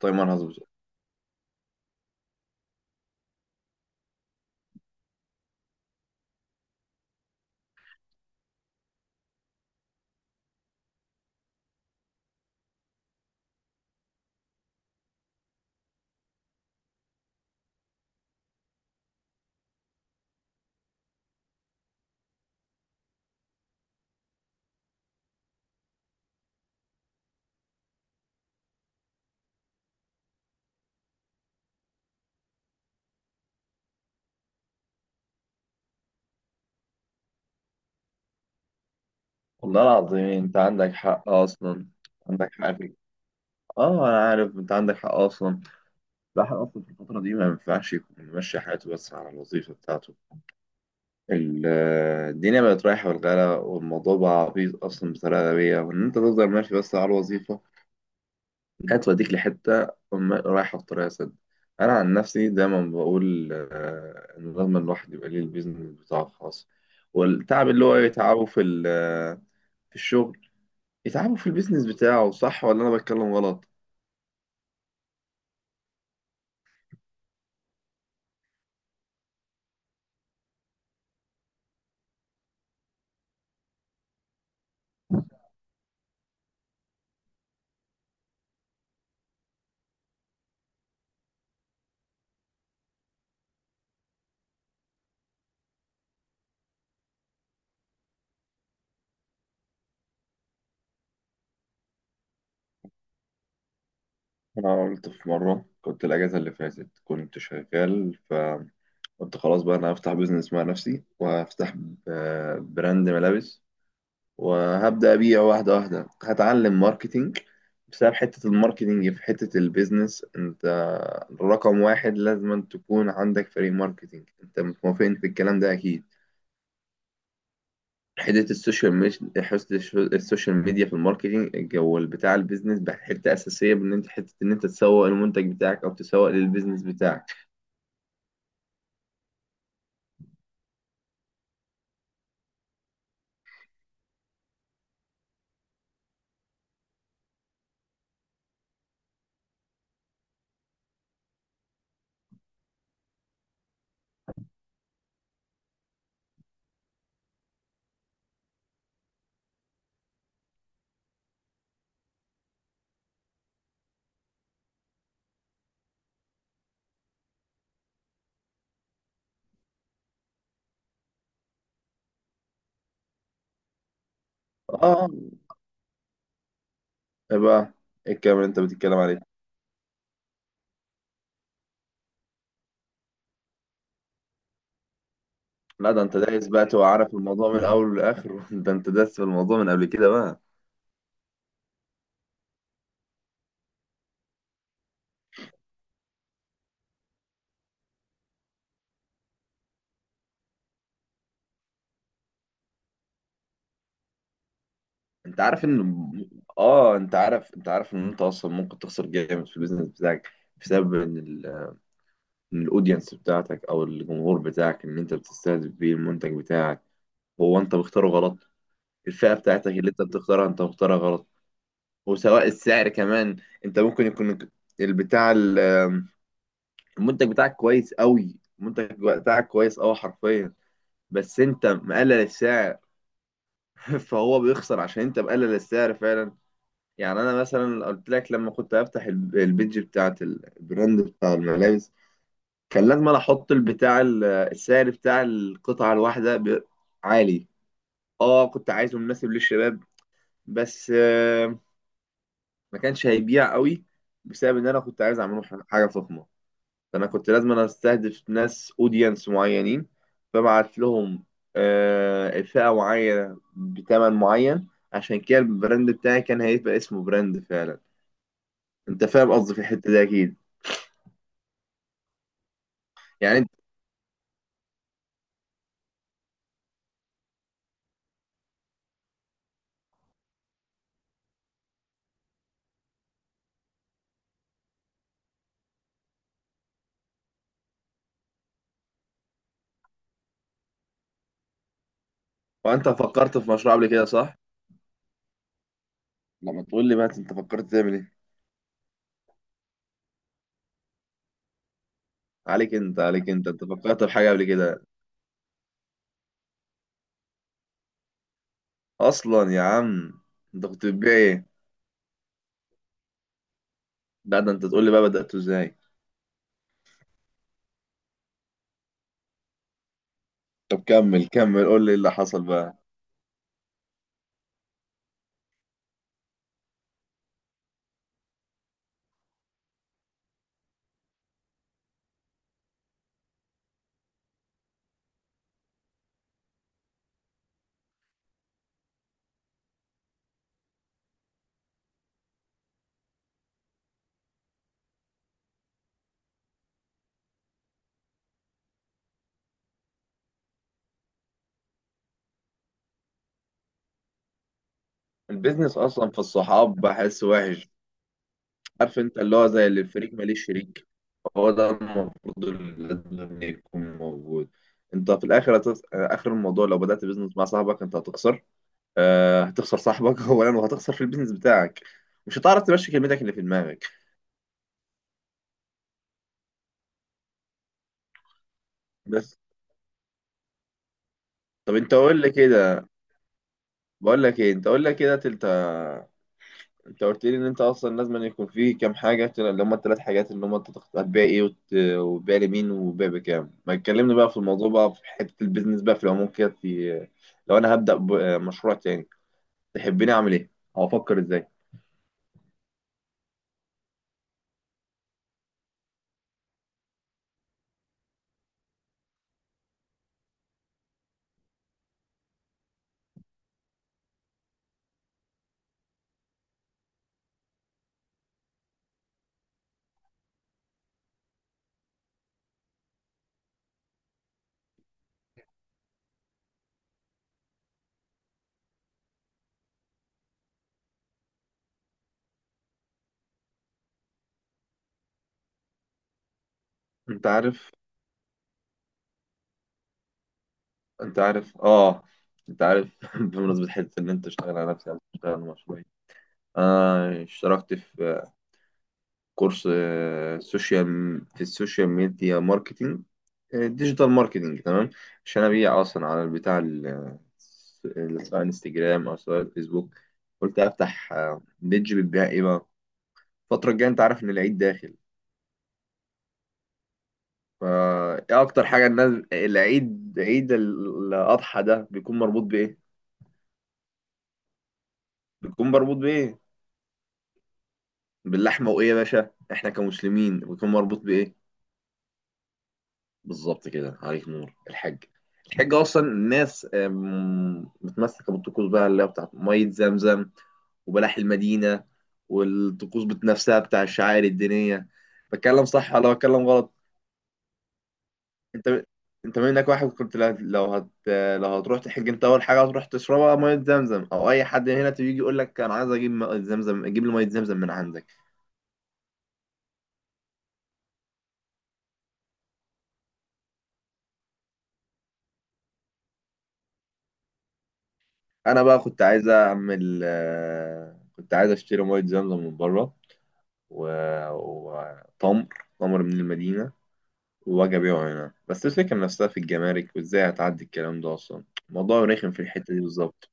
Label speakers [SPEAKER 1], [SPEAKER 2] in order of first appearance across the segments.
[SPEAKER 1] تايمر هظبط. والله العظيم، انت عندك حق اصلا. عندك حق. اه انا عارف، انت عندك حق اصلا. الواحد اصلا في الفتره دي ما ينفعش يكون ماشي حياته بس على الوظيفه بتاعته. ال- الدنيا بقت رايحه بالغلا، والموضوع بقى عبيط اصلا بطريقه غبيه، وان انت تفضل ماشي بس على الوظيفه لا توديك لحته رايحه في طريقه سد. انا عن نفسي دايما بقول، ان لازم الواحد يبقى ليه البيزنس بتاعه الخاص، والتعب اللي هو يتعبه في في الشغل يتعبوا في البيزنس بتاعه. صح ولا انا بتكلم غلط؟ انا قلت في مره، كنت الاجازه اللي فاتت كنت شغال، قلت خلاص بقى انا هفتح بيزنس مع نفسي، وهفتح براند ملابس، وهبدا ابيع واحده واحده. هتعلم ماركتينج بسبب حته الماركتينج في حته البيزنس. انت رقم واحد لازم تكون عندك فريق ماركتينج، انت موافقني في الكلام ده اكيد. حته السوشيال ميديا، حته السوشيال ميديا في الماركتينج جو بتاع البيزنس بقى حته اساسيه، بان انت حته ان انت تسوق المنتج بتاعك او تسوق للبيزنس بتاعك. اه. ايه بقى؟ ايه الكلام اللي انت بتتكلم عليه؟ لا ده انت دايس بقى، تبقى عارف الموضوع من الاول للاخر. ده انت دايس في الموضوع من قبل كده بقى. انت عارف ان اه انت عارف، انت عارف ان انت اصلا ممكن تخسر جامد في البيزنس بتاعك، بسبب ان الاودينس بتاعتك او الجمهور بتاعك ان انت بتستهدف بيه المنتج بتاعك، هو انت بختاره غلط. الفئة بتاعتك اللي انت بتختارها انت مختارها غلط. وسواء السعر كمان، انت ممكن يكون البتاع المنتج بتاعك كويس قوي. المنتج بتاعك كويس قوي حرفيا، بس انت مقلل السعر. فهو بيخسر عشان انت مقلل السعر فعلا. يعني انا مثلا قلت لك، لما كنت هفتح البيج بتاعت البراند بتاع الملابس، كان لازم انا احط السعر بتاع القطعة الواحدة عالي. اه كنت عايزه مناسب للشباب بس ما كانش هيبيع قوي، بسبب ان انا كنت عايز اعمله حاجه فخمه. فانا كنت لازم انا استهدف ناس اودينس معينين، فبعت لهم فئه معينه بثمن معين، عشان كده البراند بتاعي كان هيبقى اسمه براند فعلا. انت فاهم قصدي في الحته دي اكيد. يعني انت. وانت فكرت في مشروع قبل كده، صح؟ لما تقول لي بقى انت فكرت تعمل ايه؟ عليك انت، انت فكرت في حاجه قبل كده اصلا يا عم؟ انت كنت بتبيع ايه؟ لا ده انت تقول لي بقى بدأته ازاي. طب كمل كمل، قول لي اللي حصل بقى. البيزنس اصلا في الصحاب بحس وحش. عارف انت، اللي هو زي اللي الفريق ماليش شريك، هو ده المفروض اللي لازم يكون موجود. انت في الاخر اخر الموضوع لو بدأت بيزنس مع صاحبك انت هتخسر. آه، هتخسر صاحبك اولا، وهتخسر في البيزنس بتاعك. مش هتعرف تمشي كلمتك اللي في دماغك. بس. طب انت قول لي كده. بقول لك ايه، انت قول لي كده. انت قلت لي ان انت اصلا لازم أن يكون فيه كام حاجه، اللي هم ال3 حاجات، اللي هم هتبيع ايه وتبيع لمين وبيع بكام. ما تكلمني بقى في الموضوع بقى، في حته البيزنس بقى في العموم كده، لو انا هبدا بمشروع تاني، تحبني اعمل ايه او افكر ازاي؟ انت عارف انت عارف اه انت عارف. بمناسبه حته ان انت تشتغل على نفسك تشتغل على مشروعي، انا اشتركت في كورس، آه، سوشيال في السوشيال ميديا ماركتينج، ديجيتال ماركتينج تمام، عشان ابيع اصلا على سواء انستجرام او سواء فيسبوك. قلت افتح بيدج بتبيع ايه بقى. الفترة الجاية انت عارف ان العيد داخل، فا ايه اكتر حاجة الناس، العيد، عيد الاضحى ده بيكون مربوط بايه؟ بيكون مربوط بايه؟ باللحمة. وايه يا باشا، احنا كمسلمين بيكون مربوط بايه؟ بالظبط كده، عليك نور الحاج. الحاج اصلا الناس متمسكه بالطقوس بقى اللي هي بتاعت ميه زمزم وبلح المدينه، والطقوس نفسها بتاع الشعائر الدينيه. بتكلم صح ولا بتكلم غلط؟ انت. انت منك واحد كنت، لو هتروح تحج، انت اول حاجه هتروح تشربها ميه زمزم. او اي حد هنا تيجي يقول لك انا عايز اجيب ميه زمزم، اجيب لي ميه زمزم من عندك. انا بقى كنت عايز اعمل، كنت عايز اشتري ميه زمزم من بره وتمر، تمر من المدينة، وأجي أبيعه هنا. بس الفكرة نفسها في الجمارك، وإزاي هتعدي الكلام ده أصلا؟ الموضوع رخم في الحتة دي بالظبط.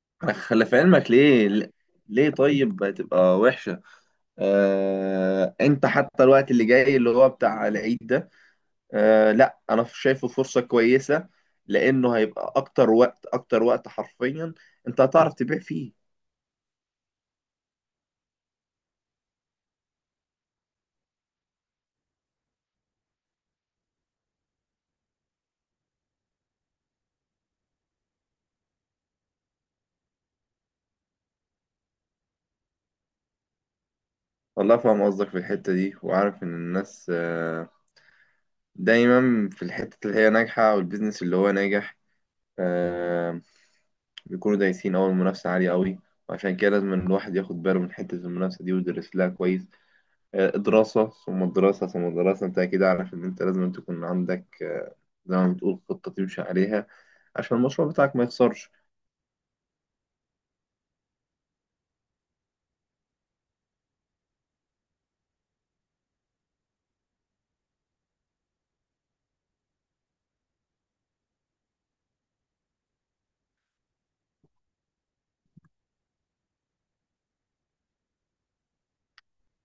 [SPEAKER 1] أنا خلي في علمك ليه. ليه طيب تبقى وحشة؟ أنت حتى الوقت اللي جاي اللي هو بتاع العيد ده، لأ أنا شايفه فرصة كويسة، لأنه هيبقى أكتر وقت. أكتر وقت حرفيا أنت هتعرف تبيع فيه. والله فاهم قصدك في الحتة دي، وعارف إن الناس دايما في الحتة اللي هي ناجحة أو البيزنس اللي هو ناجح، آه بيكونوا دايسين. أول المنافسة عالية أوي، وعشان كده لازم إن الواحد ياخد باله من حتة المنافسة دي ويدرس لها كويس. دراسة ثم الدراسة ثم الدراسة. أنت أكيد عارف إن أنت لازم تكون عندك، زي ما بتقول، خطة تمشي عليها، عشان المشروع بتاعك ما يخسرش.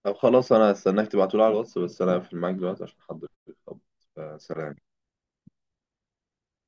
[SPEAKER 1] طب خلاص، أنا هستناك تبعتولي على الواتس، بس أنا هقفل معاك دلوقتي عشان حضرتك. فسلام.